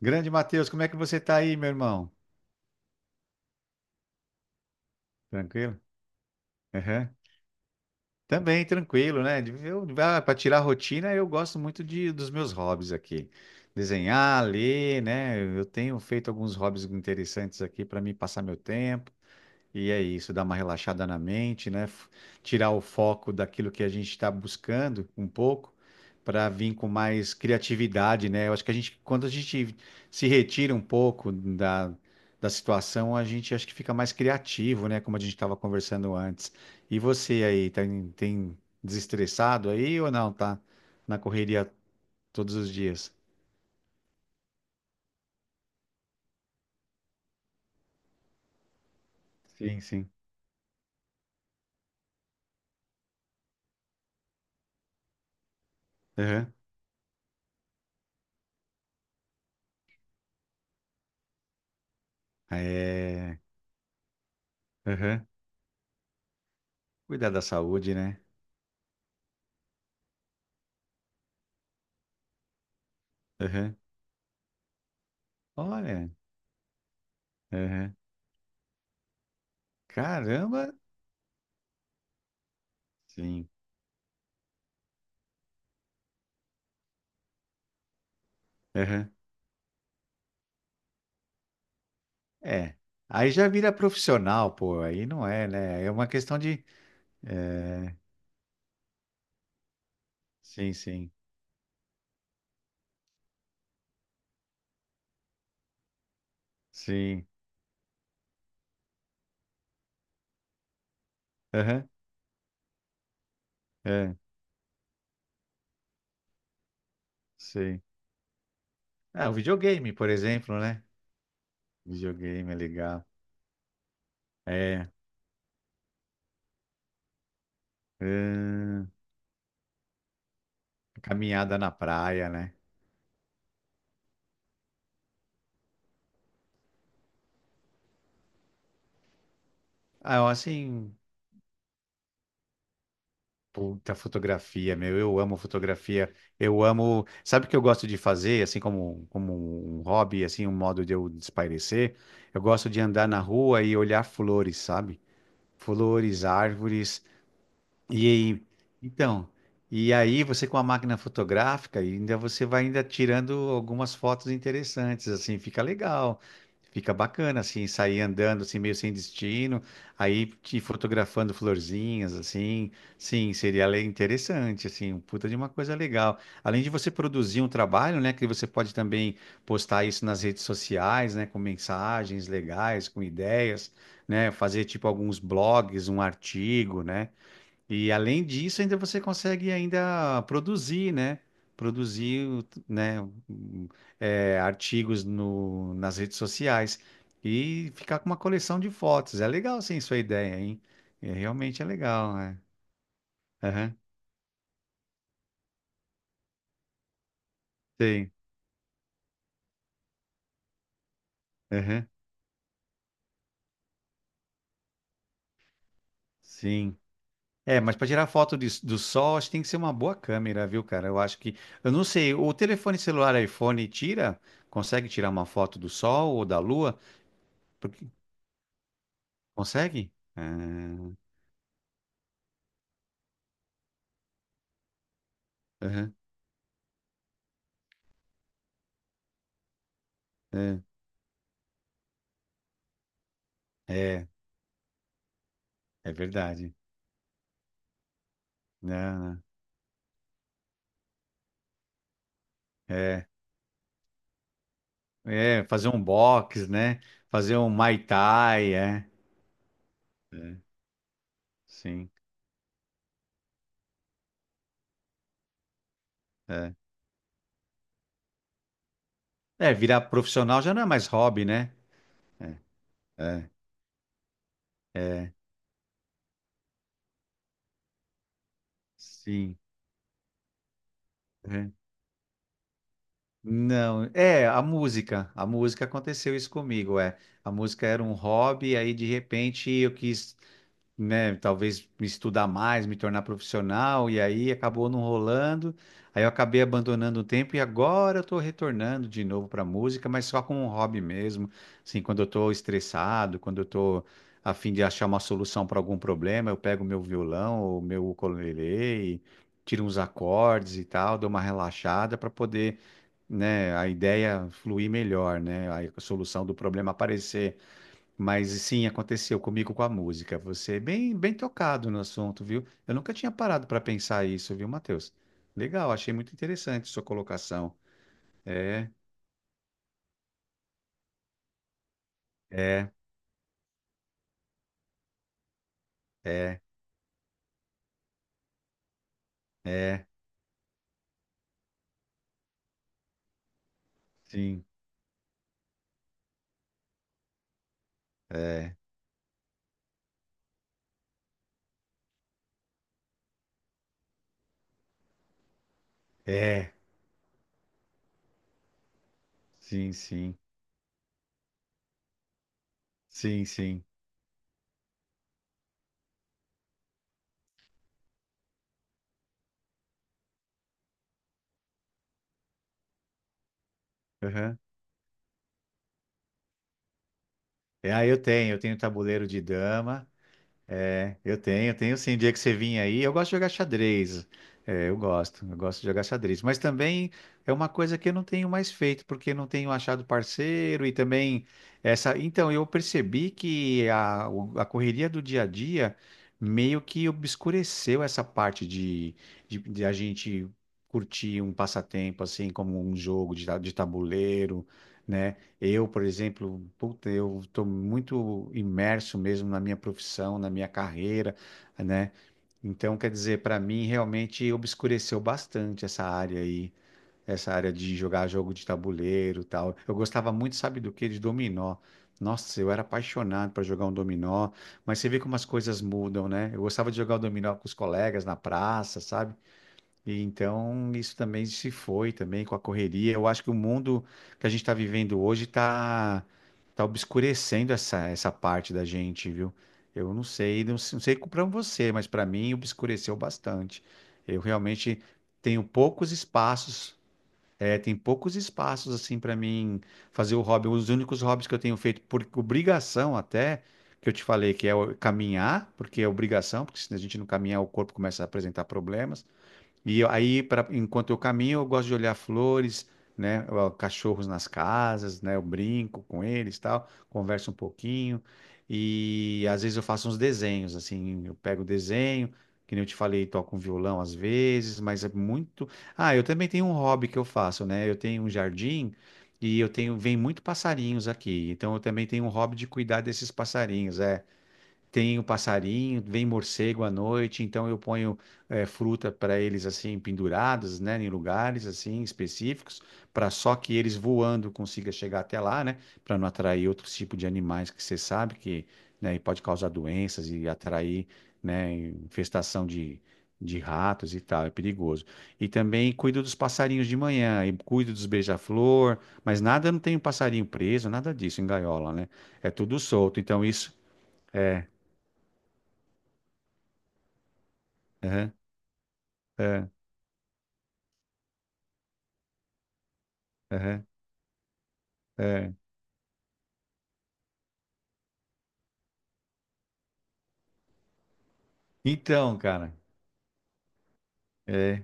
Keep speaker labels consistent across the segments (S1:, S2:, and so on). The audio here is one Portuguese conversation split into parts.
S1: Grande Matheus, como é que você tá aí, meu irmão? Tranquilo? Aham. Também tranquilo, né? Eu, para tirar a rotina, eu gosto muito dos meus hobbies aqui. Desenhar, ler, né? Eu tenho feito alguns hobbies interessantes aqui para mim passar meu tempo. E é isso, dar uma relaxada na mente, né? Tirar o foco daquilo que a gente está buscando um pouco, para vir com mais criatividade, né? Eu acho que a gente, quando a gente se retira um pouco da situação, a gente acho que fica mais criativo, né? Como a gente estava conversando antes. E você aí, tem desestressado aí ou não? Tá na correria todos os dias? Sim, sim. Aham. É. Aham. Cuidar da saúde, né? Aham. Olha. Aham. Caramba, sim. Aham. É. Aí já vira profissional, pô. Aí não é, né? É uma questão de. É, sim, sim. Sim. Aham. É, sim. Ah, o videogame, por exemplo, né? Videogame é legal. É, ahn, caminhada na praia, né? Ah, eu, assim, puta fotografia, meu, eu amo fotografia, eu amo, sabe o que eu gosto de fazer, assim como, como um hobby, assim, um modo de eu espairecer? Eu gosto de andar na rua e olhar flores, sabe? Flores, árvores, e aí, então, e aí você com a máquina fotográfica, ainda você vai ainda tirando algumas fotos interessantes, assim, fica legal, fica bacana, assim, sair andando assim meio sem destino, aí te fotografando florzinhas, assim, sim, seria interessante, assim, um puta de uma coisa legal. Além de você produzir um trabalho, né, que você pode também postar isso nas redes sociais, né, com mensagens legais, com ideias, né, fazer tipo alguns blogs, um artigo, né? E além disso, ainda você consegue ainda produzir, né? Produzir, o- né? um, é, artigos no, nas redes sociais e ficar com uma coleção de fotos. É legal, sim, sua ideia, hein? É, realmente é legal, né? Aham, sim, aham, sim. É, mas para tirar foto do sol, acho que tem que ser uma boa câmera, viu, cara? Eu acho que, eu não sei, o telefone celular iPhone tira, consegue tirar uma foto do sol ou da lua? Porque, consegue? Ah, aham. É, é, é verdade. Né? É, fazer um box, né? Fazer um Muay Thai, é. É, sim. É. É, virar profissional já não é mais hobby, né? É, é, é, sim. É. Não, a música. A música aconteceu isso comigo, é. A música era um hobby, aí de repente eu quis. Né, talvez me estudar mais, me tornar profissional, e aí acabou não rolando. Aí eu acabei abandonando o tempo e agora eu tô retornando de novo pra música, mas só como um hobby mesmo, assim, quando eu tô estressado, quando eu tô a fim de achar uma solução para algum problema, eu pego meu violão ou meu ukulele e tiro uns acordes e tal, dou uma relaxada para poder, né, a ideia fluir melhor, né, a solução do problema aparecer mas sim, aconteceu comigo com a música. Você é bem, bem tocado no assunto, viu? Eu nunca tinha parado para pensar isso, viu, Matheus? Legal, achei muito interessante sua colocação. É, é, é, é, sim, é, é, sim, sim, sim, sim. Aham. É, ah, eu tenho tabuleiro de dama. É, eu tenho sim. Dia que você vinha aí, eu gosto de jogar xadrez. É, eu gosto de jogar xadrez. Mas também é uma coisa que eu não tenho mais feito, porque não tenho achado parceiro e também essa. Então, eu percebi que a correria do dia a dia meio que obscureceu essa parte de a gente curtir um passatempo, assim, como um jogo de tabuleiro. Né? Eu, por exemplo, puta, eu estou muito imerso mesmo na minha profissão, na minha carreira, né? Então, quer dizer, para mim realmente obscureceu bastante essa área aí, essa área de jogar jogo de tabuleiro, e tal. Eu gostava muito, sabe do quê? De dominó. Nossa, eu era apaixonado para jogar um dominó, mas você vê como as coisas mudam, né? Eu gostava de jogar o dominó com os colegas na praça, sabe? E então isso também se foi também com a correria. Eu acho que o mundo que a gente está vivendo hoje está tá obscurecendo essa parte da gente, viu? Eu não sei, não, não sei para você, mas para mim obscureceu bastante. Eu realmente tenho poucos espaços, é, tem poucos espaços assim para mim fazer o hobby. Os únicos hobbies que eu tenho feito por obrigação até que eu te falei que é caminhar, porque é obrigação, porque se a gente não caminhar o corpo começa a apresentar problemas e aí, pra, enquanto eu caminho, eu gosto de olhar flores, né? Ó, cachorros nas casas, né? Eu brinco com eles, tal, converso um pouquinho. E às vezes eu faço uns desenhos, assim, eu pego o desenho, que nem eu te falei, toco um violão às vezes, mas é muito. Ah, eu também tenho um hobby que eu faço, né? Eu tenho um jardim e eu tenho, vem muito passarinhos aqui. Então eu também tenho um hobby de cuidar desses passarinhos, é. Tem o passarinho, vem morcego à noite, então eu ponho fruta para eles assim penduradas, né, em lugares assim específicos, para só que eles voando consiga chegar até lá, né, para não atrair outros tipos de animais que você sabe que, né, e pode causar doenças e atrair, né, infestação de ratos e tal, é perigoso. E também cuido dos passarinhos de manhã, e cuido dos beija-flor, mas nada, não tem um passarinho preso, nada disso em gaiola, né? É tudo solto, então isso é. Aham. É, aham, é. Então, cara, é,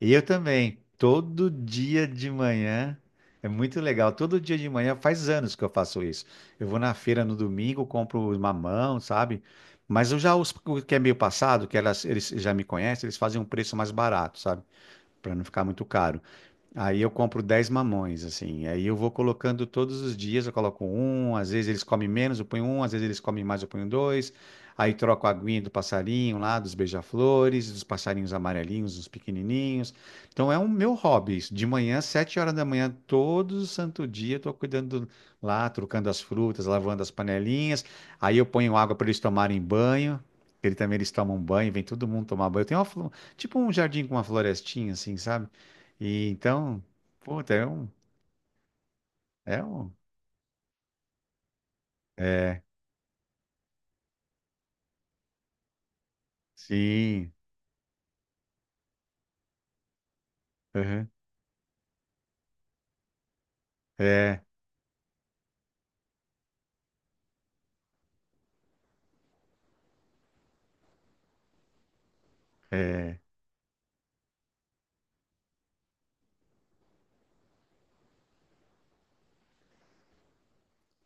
S1: e eu também, todo dia de manhã, é muito legal, todo dia de manhã, faz anos que eu faço isso. Eu vou na feira no domingo, compro os mamão, sabe? Mas eu já, os o que é meio passado, que elas, eles já me conhecem, eles fazem um preço mais barato, sabe? Para não ficar muito caro. Aí eu compro 10 mamões, assim. Aí eu vou colocando todos os dias, eu coloco um, às vezes eles comem menos, eu ponho um, às vezes eles comem mais, eu ponho dois. Aí troco a aguinha do passarinho lá, dos beija-flores, dos passarinhos amarelinhos, dos pequenininhos. Então é um meu hobby. Isso. De manhã, 7h da manhã, todo santo dia, eu tô cuidando lá, trocando as frutas, lavando as panelinhas. Aí eu ponho água para eles tomarem banho. Ele também eles tomam banho, vem todo mundo tomar banho. Eu tenho uma, tipo um jardim com uma florestinha, assim, sabe? E então, puta, é um, é um, é, sim, aham, é, é.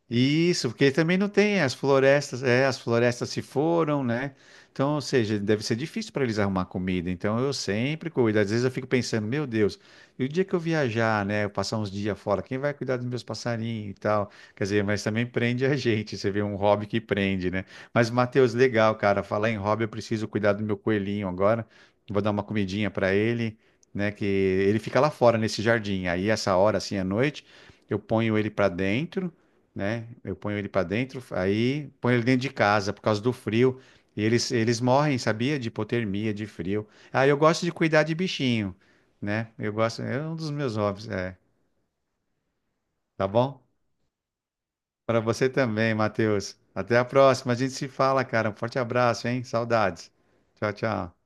S1: Isso, porque também não tem as florestas, é, as florestas se foram, né? Então, ou seja, deve ser difícil para eles arrumar comida. Então, eu sempre cuido. Às vezes eu fico pensando, meu Deus, e o dia que eu viajar, né, eu passar uns dias fora, quem vai cuidar dos meus passarinhos e tal? Quer dizer, mas também prende a gente. Você vê um hobby que prende, né? Mas, Matheus, legal, cara. Falar em hobby, eu preciso cuidar do meu coelhinho agora. Vou dar uma comidinha para ele, né? Que ele fica lá fora nesse jardim. Aí, essa hora, assim, à noite, eu ponho ele para dentro, né? Eu ponho ele para dentro, aí ponho ele dentro de casa por causa do frio. E eles morrem, sabia? De hipotermia, de frio. Ah, eu gosto de cuidar de bichinho, né? Eu gosto, é um dos meus hobbies, é. Tá bom? Para você também, Matheus. Até a próxima. A gente se fala, cara. Um forte abraço, hein? Saudades. Tchau, tchau.